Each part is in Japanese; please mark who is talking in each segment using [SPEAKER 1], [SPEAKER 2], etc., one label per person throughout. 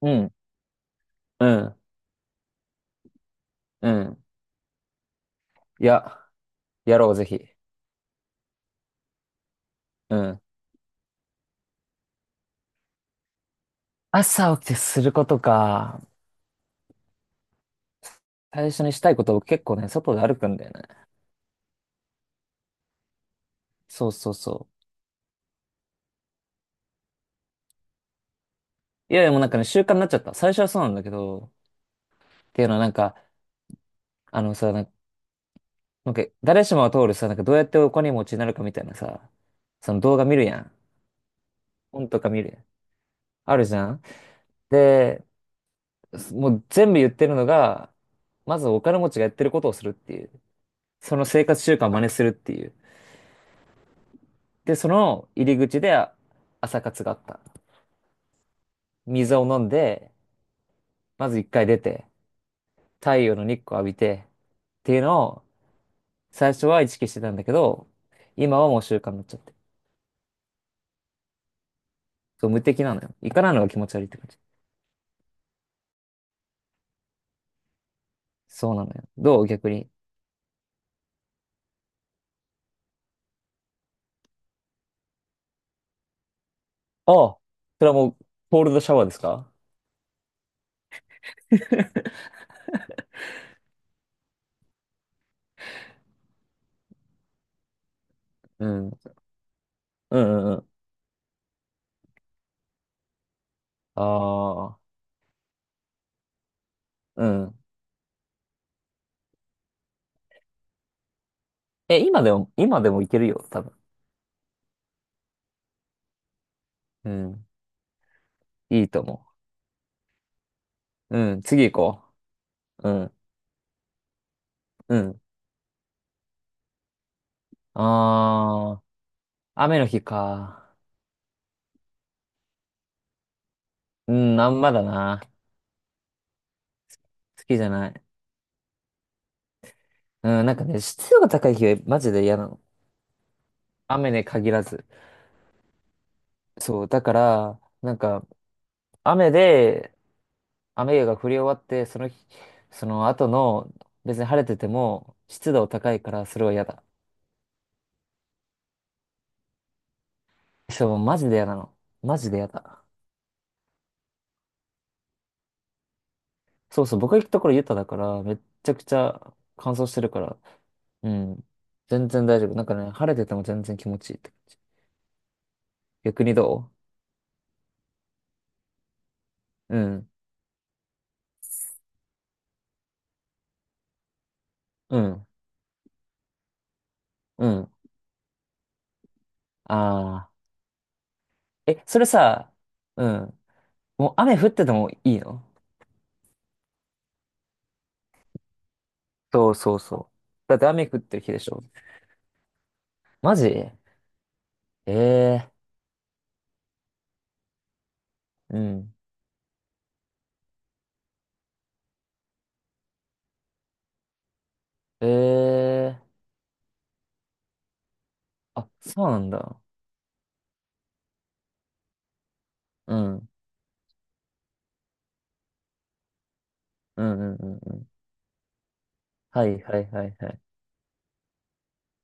[SPEAKER 1] うん、うん、うん。いや、やろう、ぜひ。うん。朝起きてすることか。最初にしたいことを結構ね、外で歩くんだよね。そうそうそう。いや、でも習慣になっちゃった。最初はそうなんだけど、っていうのはあのさ、なんか、誰しもが通るさ、どうやってお金持ちになるかみたいなさ、その動画見るやん。本とか見るやん。あるじゃん。で、もう全部言ってるのが、まずお金持ちがやってることをするっていう。その生活習慣を真似するっていう。で、その入り口であ朝活があった。水を飲んで、まず一回出て、太陽の日光浴びて、っていうのを最初は意識してたんだけど、今はもう習慣になっちゃって。そう、無敵なのよ。行かないのが気持ち悪いって感じ。そうなのよ。どう逆に。ああ、それはもう、コールドシャワーですか？うん。うんうんうん。ああ、うん。え、今でも、今でもいけるよ、多分。うん。いいと思う。うん。次行こう。うん。うん。ああ。雨の日か。うん、あんまだな。好きじゃない。うん、なんかね、湿度が高い日はマジで嫌なの。雨で限らず。そう、だから、雨で、雨が降り終わって、その日、その後の、別に晴れてても、湿度高いから、それは嫌だ。そう、マジで嫌なの。マジで嫌だ。そうそう、僕が行くところユタだから、めっちゃくちゃ乾燥してるから、うん、全然大丈夫。なんかね、晴れてても全然気持ちいいって感じ。逆にどう。うん、うん。うん。ああ。え、それさ、うん。もう雨降っててもいいの？そうそうそう。だって雨降ってる日でしょ。マジえ、えー、うん。ええー。あ、そうなんだ。うん。うんうんうんうん。はいはいはいはい。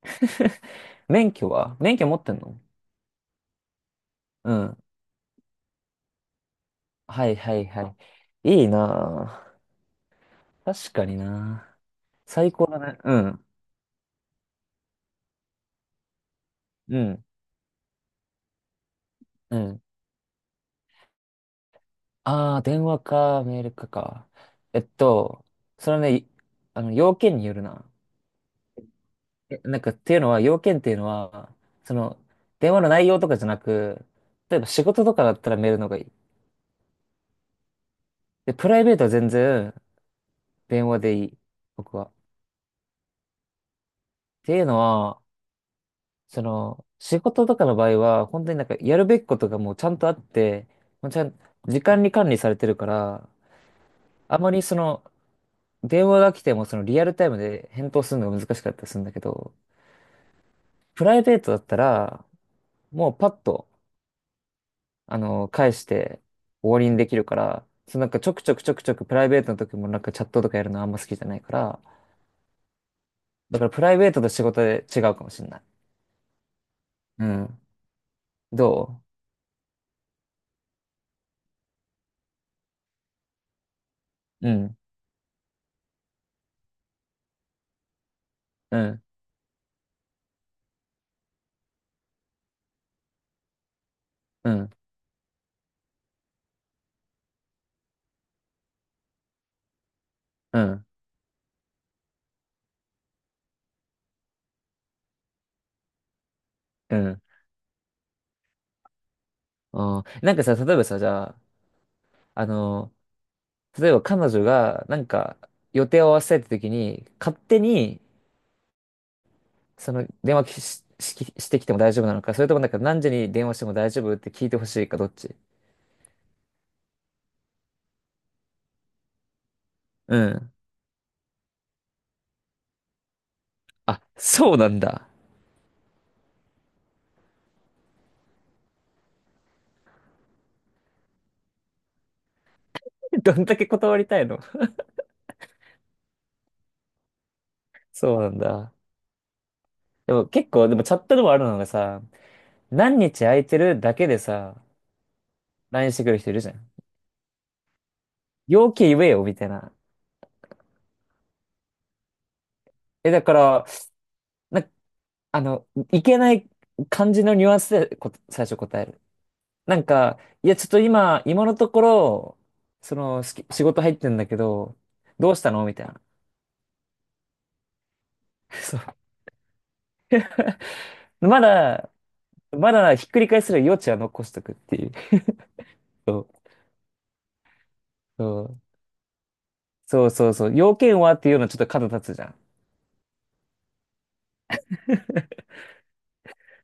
[SPEAKER 1] 免許は免許持ってんの？うん。はいはいはい。いいなぁ。確かになぁ。ここだね。うん。うん。うん。ああ、電話か、メールかか。えっと、それね、いあの、要件によるな。っていうのは、要件っていうのは、その、電話の内容とかじゃなく、例えば仕事とかだったらメールの方がいい。で、プライベートは全然電話でいい。僕は。っていうのは、その、仕事とかの場合は、本当にやるべきことがもうちゃんとあって、もうちゃん、時間に管理されてるから、あまりその、電話が来てもそのリアルタイムで返答するのが難しかったりするんだけど、プライベートだったら、もうパッと、あの、返して終わりにできるから、そうちょくちょくプライベートの時もチャットとかやるのあんま好きじゃないから、だからプライベートと仕事で違うかもしれない。うん。どう。うん、うん、うん、うん、うん。あーなんかさ、例えばさ、じゃあ、あの、例えば彼女が予定を合わせたいって時に、勝手にその電話し、し、してきても大丈夫なのか、それとも何時に電話しても大丈夫って聞いてほしいか、どっち？うん。あ、そうなんだ。どんだけ断りたいの？ そうなんだ。でも結構、でもチャットでもあるのがさ、何日空いてるだけでさ、LINE してくる人いるじゃん。要件言えよ、みたいな。え、だから、な、あの、いけない感じのニュアンスで最初答える。なんか、いや、ちょっと今、今のところ、その、仕事入ってんだけど、どうしたのみたいな。そう。まだ、まだひっくり返せる余地は残しとくっていう。そう。そうそうそうそう。要件はっていうのはちょっと角立つじゃん。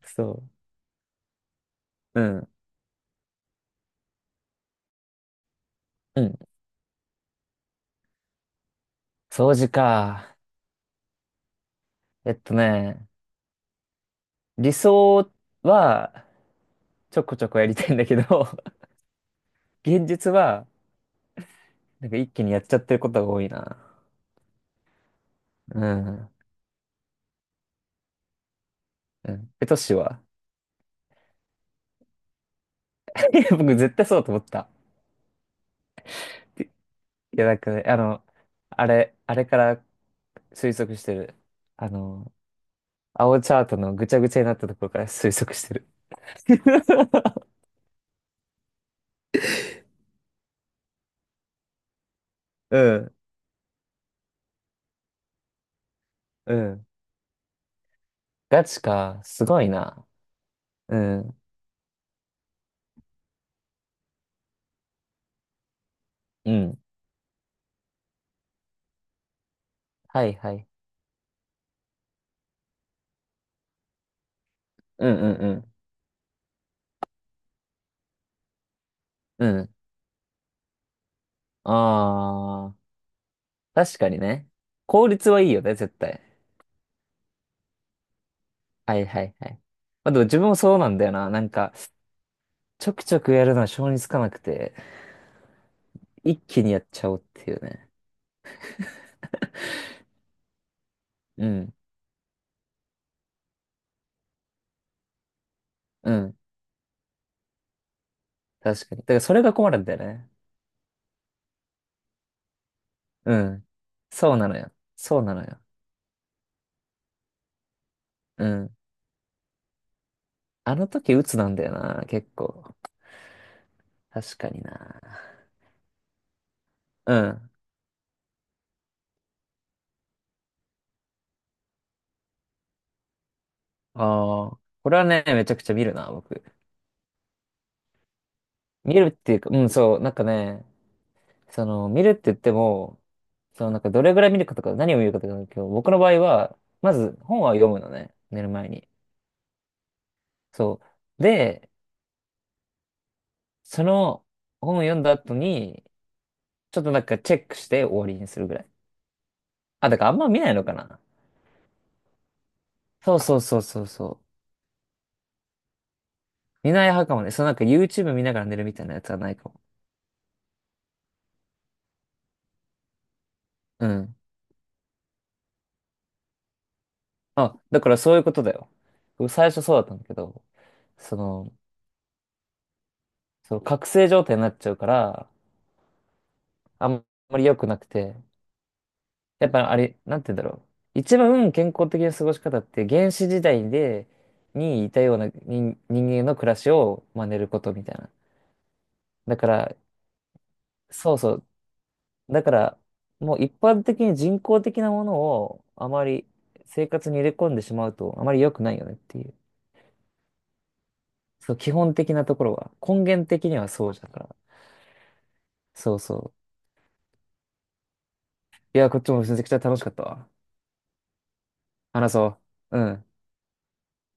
[SPEAKER 1] そう。うん。う。ん。掃除か。えっとね、理想はちょこちょこやりたいんだけど、現実は一気にやっちゃってることが多いな。うん。うん。え、トシは？ いや僕絶対そうだと思った。いや、なんかね、あの、あれから推測してる。あの、青チャートのぐちゃぐちゃになったところから推測してる。うん。うん。ガチか。すごいな。うん。うん。はいはいはい。うんうんうん。うん。ああ、確かにね。効率はいいよね、絶対。はいはいはい。まあでも自分もそうなんだよな。なんか、ちょくちょくやるのは性につかなくて、一気にやっちゃおうっていうね。うん。うん。確かに。だからそれが困るんだよね。うん。そうなのよ。そうなのよ。うん。あの時鬱なんだよな、結構。確かにな。うん。ああ、これはね、めちゃくちゃ見るな、僕。見るっていうか、うん、そう、なんかね、その、見るって言っても、そのなんかどれぐらい見るかとか何を見るかとかだけど、僕の場合は、まず本は読むのね、寝る前に。そう。で、その本を読んだ後に、ちょっとなんかチェックして終わりにするぐらい。あ、だからあんま見ないのかな。そうそうそうそうそう。見ない派かもね。そのなんか YouTube 見ながら寝るみたいなやつはないかも。うん。あ、だからそういうことだよ。僕最初そうだったんだけど、その、そう、覚醒状態になっちゃうから、あんまり良くなくて。やっぱあれ、なんて言うんだろう。一番健康的な過ごし方って原始時代で、にいたような人、人間の暮らしを真似ることみたいな。だから、そうそう。だから、もう一般的に人工的なものをあまり生活に入れ込んでしまうとあまり良くないよねっていう。そう、基本的なところは。根源的にはそうだから。そうそう。いや、こっちもめちゃくちゃ楽しかったわ。話そう。うん。